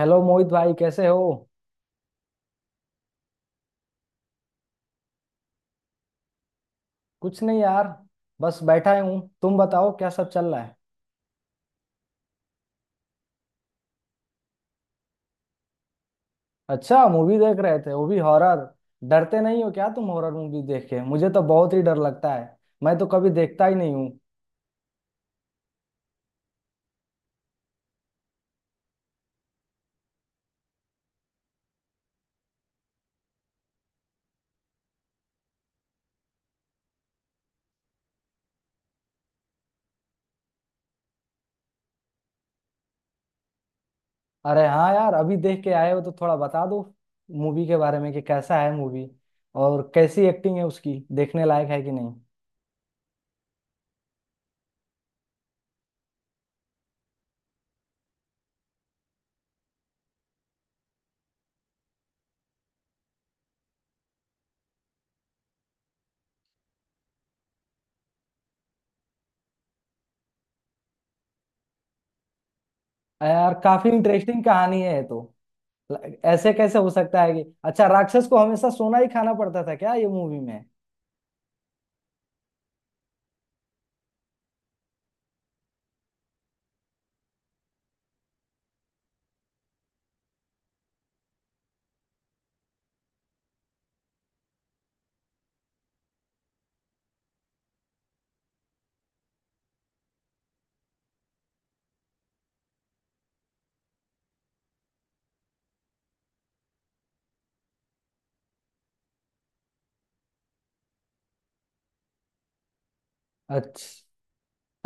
Hello Mohit भाई, कैसे हो। कुछ नहीं यार, बस बैठा ही हूँ। तुम बताओ क्या सब चल रहा है। अच्छा, मूवी देख रहे थे, वो भी हॉरर। डरते नहीं हो क्या तुम हॉरर मूवी देख के। मुझे तो बहुत ही डर लगता है, मैं तो कभी देखता ही नहीं हूँ। अरे हाँ यार, अभी देख के आए हो तो थोड़ा बता दो मूवी के बारे में कि कैसा है मूवी। और कैसी एक्टिंग है उसकी, देखने लायक है कि नहीं। अरे यार, काफी इंटरेस्टिंग कहानी है ये तो। ऐसे कैसे हो सकता है कि अच्छा राक्षस को हमेशा सोना ही खाना पड़ता था क्या ये मूवी में। अच्छा।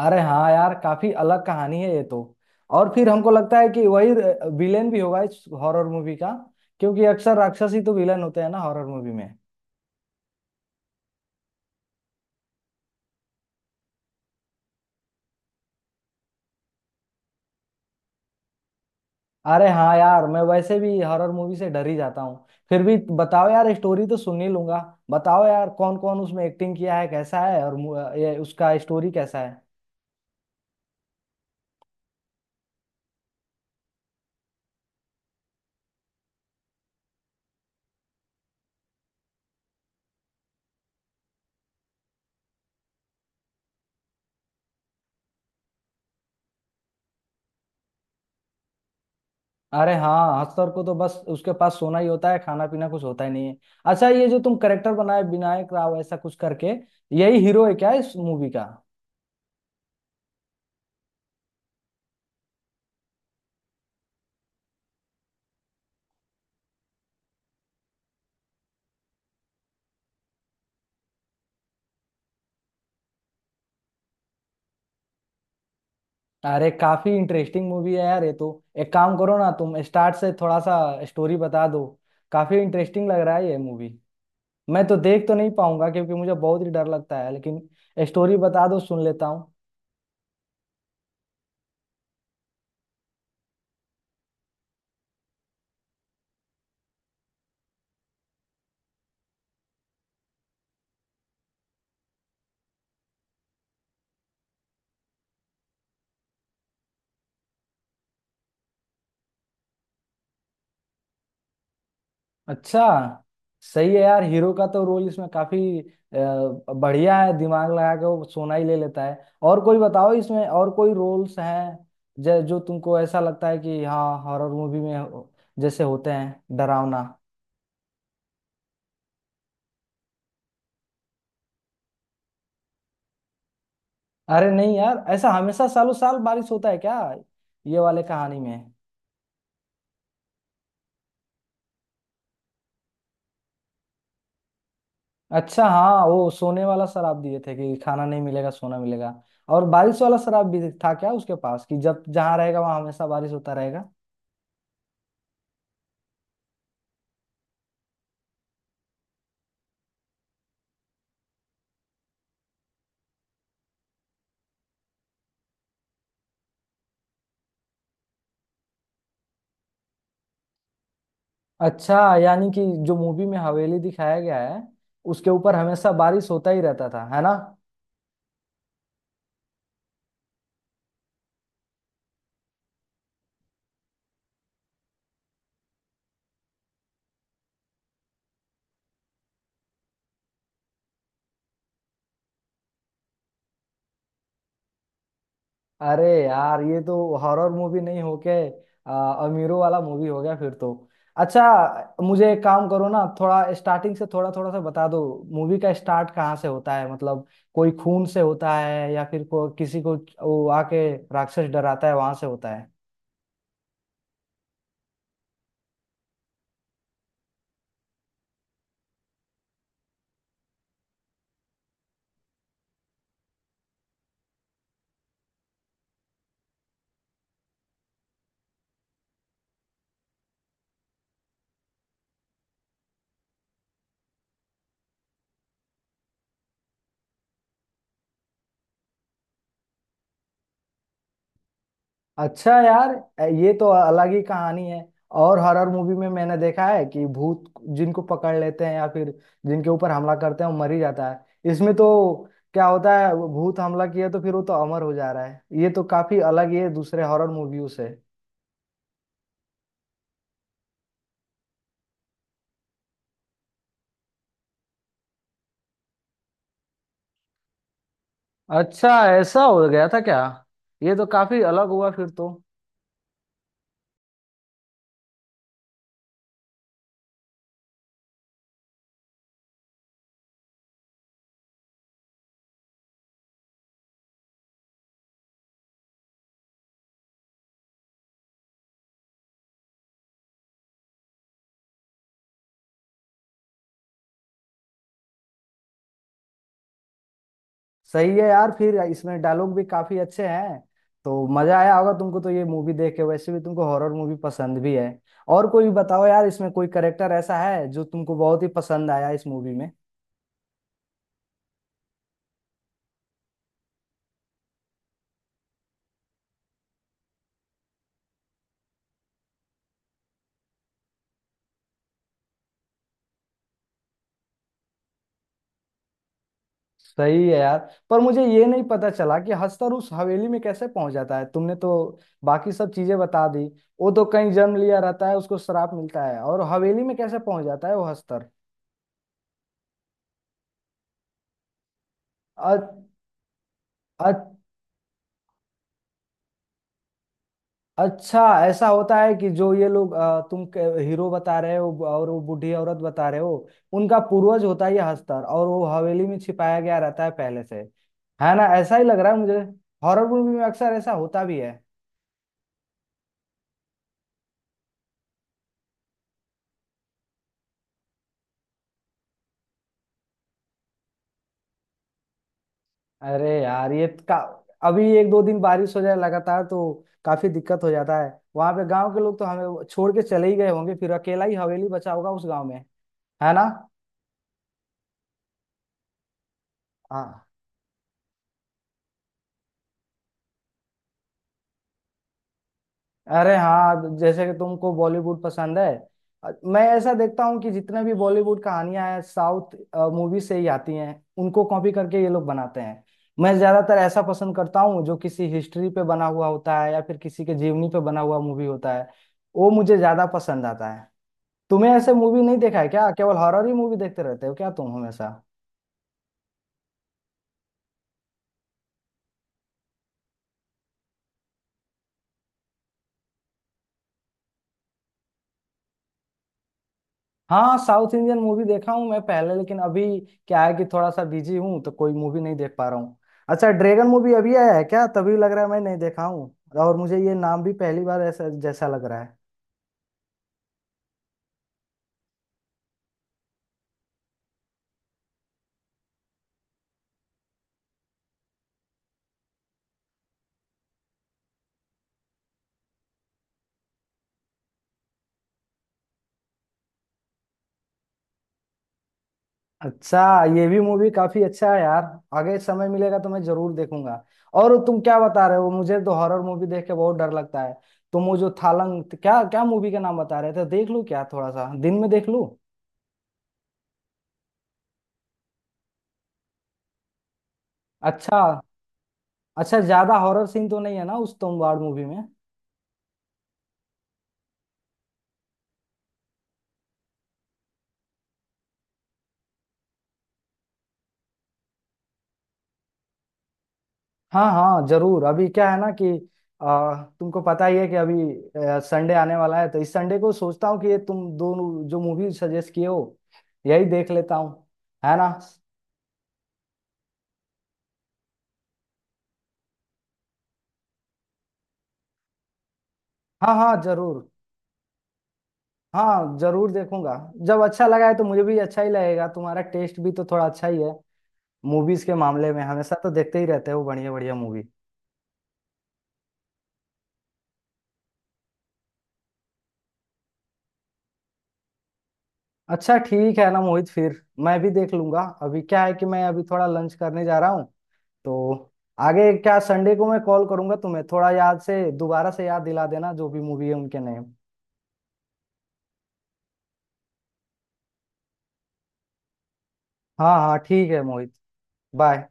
अरे हाँ यार, काफी अलग कहानी है ये तो। और फिर हमको लगता है कि वही विलेन भी होगा इस हॉरर मूवी का, क्योंकि अक्सर राक्षस ही तो विलेन होते हैं ना हॉरर मूवी में। अरे हाँ यार, मैं वैसे भी हॉरर मूवी से डर ही जाता हूँ, फिर भी बताओ यार, स्टोरी तो सुन ही लूंगा। बताओ यार, कौन कौन उसमें एक्टिंग किया है, कैसा है, और ये उसका स्टोरी कैसा है। अरे हाँ, हस्तर को तो बस उसके पास सोना ही होता है, खाना पीना कुछ होता ही नहीं है। अच्छा, ये जो तुम करेक्टर बनाए विनायक राव ऐसा कुछ करके, यही हीरो है क्या इस मूवी का। अरे काफी इंटरेस्टिंग मूवी है यार ये तो। एक काम करो ना, तुम स्टार्ट से थोड़ा सा स्टोरी बता दो। काफी इंटरेस्टिंग लग रहा है ये मूवी। मैं तो देख तो नहीं पाऊंगा क्योंकि मुझे बहुत ही डर लगता है, लेकिन स्टोरी बता दो, सुन लेता हूँ। अच्छा। सही है यार, हीरो का तो रोल इसमें काफी बढ़िया है, दिमाग लगा के वो सोना ही ले लेता है। और कोई बताओ, इसमें और कोई रोल्स हैं जो जो तुमको ऐसा लगता है कि हाँ, हॉरर मूवी में जैसे होते हैं डरावना। अरे नहीं यार, ऐसा हमेशा सालों साल बारिश होता है क्या ये वाले कहानी में। अच्छा हाँ, वो सोने वाला शराब दिए थे कि खाना नहीं मिलेगा, सोना मिलेगा। और बारिश वाला शराब भी था क्या उसके पास कि जब जहाँ रहेगा वहाँ हमेशा बारिश होता रहेगा। अच्छा, यानी कि जो मूवी में हवेली दिखाया गया है उसके ऊपर हमेशा बारिश होता ही रहता था, है ना। अरे यार ये तो हॉरर मूवी नहीं होके अमीरों वाला मूवी हो गया फिर तो। अच्छा, मुझे एक काम करो ना, थोड़ा स्टार्टिंग से थोड़ा थोड़ा सा बता दो। मूवी का स्टार्ट कहाँ से होता है, मतलब कोई खून से होता है या फिर किसी को वो आके राक्षस डराता है वहां से होता है। अच्छा यार, ये तो अलग ही कहानी है। और हॉरर मूवी में मैंने देखा है कि भूत जिनको पकड़ लेते हैं या फिर जिनके ऊपर हमला करते हैं वो मर ही जाता है। इसमें तो क्या होता है, वो भूत हमला किया तो फिर वो तो अमर हो जा रहा है, ये तो काफी अलग ही है दूसरे हॉरर मूवियों से। अच्छा, ऐसा हो गया था क्या। ये तो काफी अलग हुआ फिर तो। सही है यार, फिर इसमें डायलॉग भी काफी अच्छे हैं, तो मजा आया होगा तुमको तो ये मूवी देख के। वैसे भी तुमको हॉरर मूवी पसंद भी है। और कोई बताओ यार, इसमें कोई करेक्टर ऐसा है जो तुमको बहुत ही पसंद आया इस मूवी में। सही है यार, पर मुझे ये नहीं पता चला कि हस्तर उस हवेली में कैसे पहुंच जाता है। तुमने तो बाकी सब चीजें बता दी। वो तो कहीं जन्म लिया रहता है, उसको श्राप मिलता है, और हवेली में कैसे पहुंच जाता है वो हस्तर। अ- अच्छा, ऐसा होता है कि जो ये लोग तुम हीरो बता रहे हो और वो बूढ़ी औरत बता रहे हो, उनका पूर्वज होता है ये हस्तर और वो हवेली में छिपाया गया रहता है पहले से, है ना। ऐसा ही लग रहा है मुझे, हॉरर मूवी में अक्सर ऐसा होता भी है। अरे यार, ये का अभी एक दो दिन बारिश हो जाए लगातार तो काफी दिक्कत हो जाता है। वहां पे गांव के लोग तो हमें छोड़ के चले ही गए होंगे, फिर अकेला ही हवेली बचा होगा उस गांव में, है ना। हाँ। अरे हाँ, जैसे कि तुमको बॉलीवुड पसंद है, मैं ऐसा देखता हूँ कि जितने भी बॉलीवुड कहानियां हैं साउथ मूवी से ही आती हैं, उनको कॉपी करके ये लोग बनाते हैं। मैं ज्यादातर ऐसा पसंद करता हूँ जो किसी हिस्ट्री पे बना हुआ होता है या फिर किसी के जीवनी पे बना हुआ मूवी होता है, वो मुझे ज्यादा पसंद आता है। तुम्हें ऐसे मूवी नहीं देखा है क्या, केवल हॉरर ही मूवी देखते रहते हो क्या तुम हमेशा। हाँ, साउथ इंडियन मूवी देखा हूँ मैं पहले, लेकिन अभी क्या है कि थोड़ा सा बिजी हूँ तो कोई मूवी नहीं देख पा रहा हूँ। अच्छा ड्रैगन मूवी अभी आया है क्या, तभी लग रहा है मैं नहीं देखा हूँ। और मुझे ये नाम भी पहली बार ऐसा जैसा लग रहा है। अच्छा, ये भी मूवी काफी अच्छा है यार, आगे समय मिलेगा तो मैं जरूर देखूंगा। और तुम क्या बता रहे हो, मुझे तो हॉरर मूवी देख के बहुत डर लगता है। तुम वो जो थालंग क्या क्या मूवी का नाम बता रहे थे, देख लूँ क्या थोड़ा सा दिन में देख लूँ। अच्छा। अच्छा, ज्यादा हॉरर सीन तो नहीं है ना उस तोमवार मूवी में। हाँ हाँ जरूर। अभी क्या है ना कि तुमको पता ही है कि अभी संडे आने वाला है, तो इस संडे को सोचता हूँ कि ये तुम दोनों जो मूवी सजेस्ट किए हो, यही देख लेता हूँ, है ना। हाँ हाँ जरूर। हाँ जरूर देखूंगा। जब अच्छा लगा है तो मुझे भी अच्छा ही लगेगा, तुम्हारा टेस्ट भी तो थोड़ा अच्छा ही है मूवीज के मामले में, हमेशा तो देखते ही रहते हो बढ़िया बढ़िया मूवी। अच्छा ठीक है ना मोहित, फिर मैं भी देख लूंगा। अभी क्या है कि मैं अभी थोड़ा लंच करने जा रहा हूँ, तो आगे क्या संडे को मैं कॉल करूंगा तुम्हें, थोड़ा याद से दोबारा से याद दिला देना जो भी मूवी है उनके नेम। हाँ हाँ ठीक है मोहित, बाय।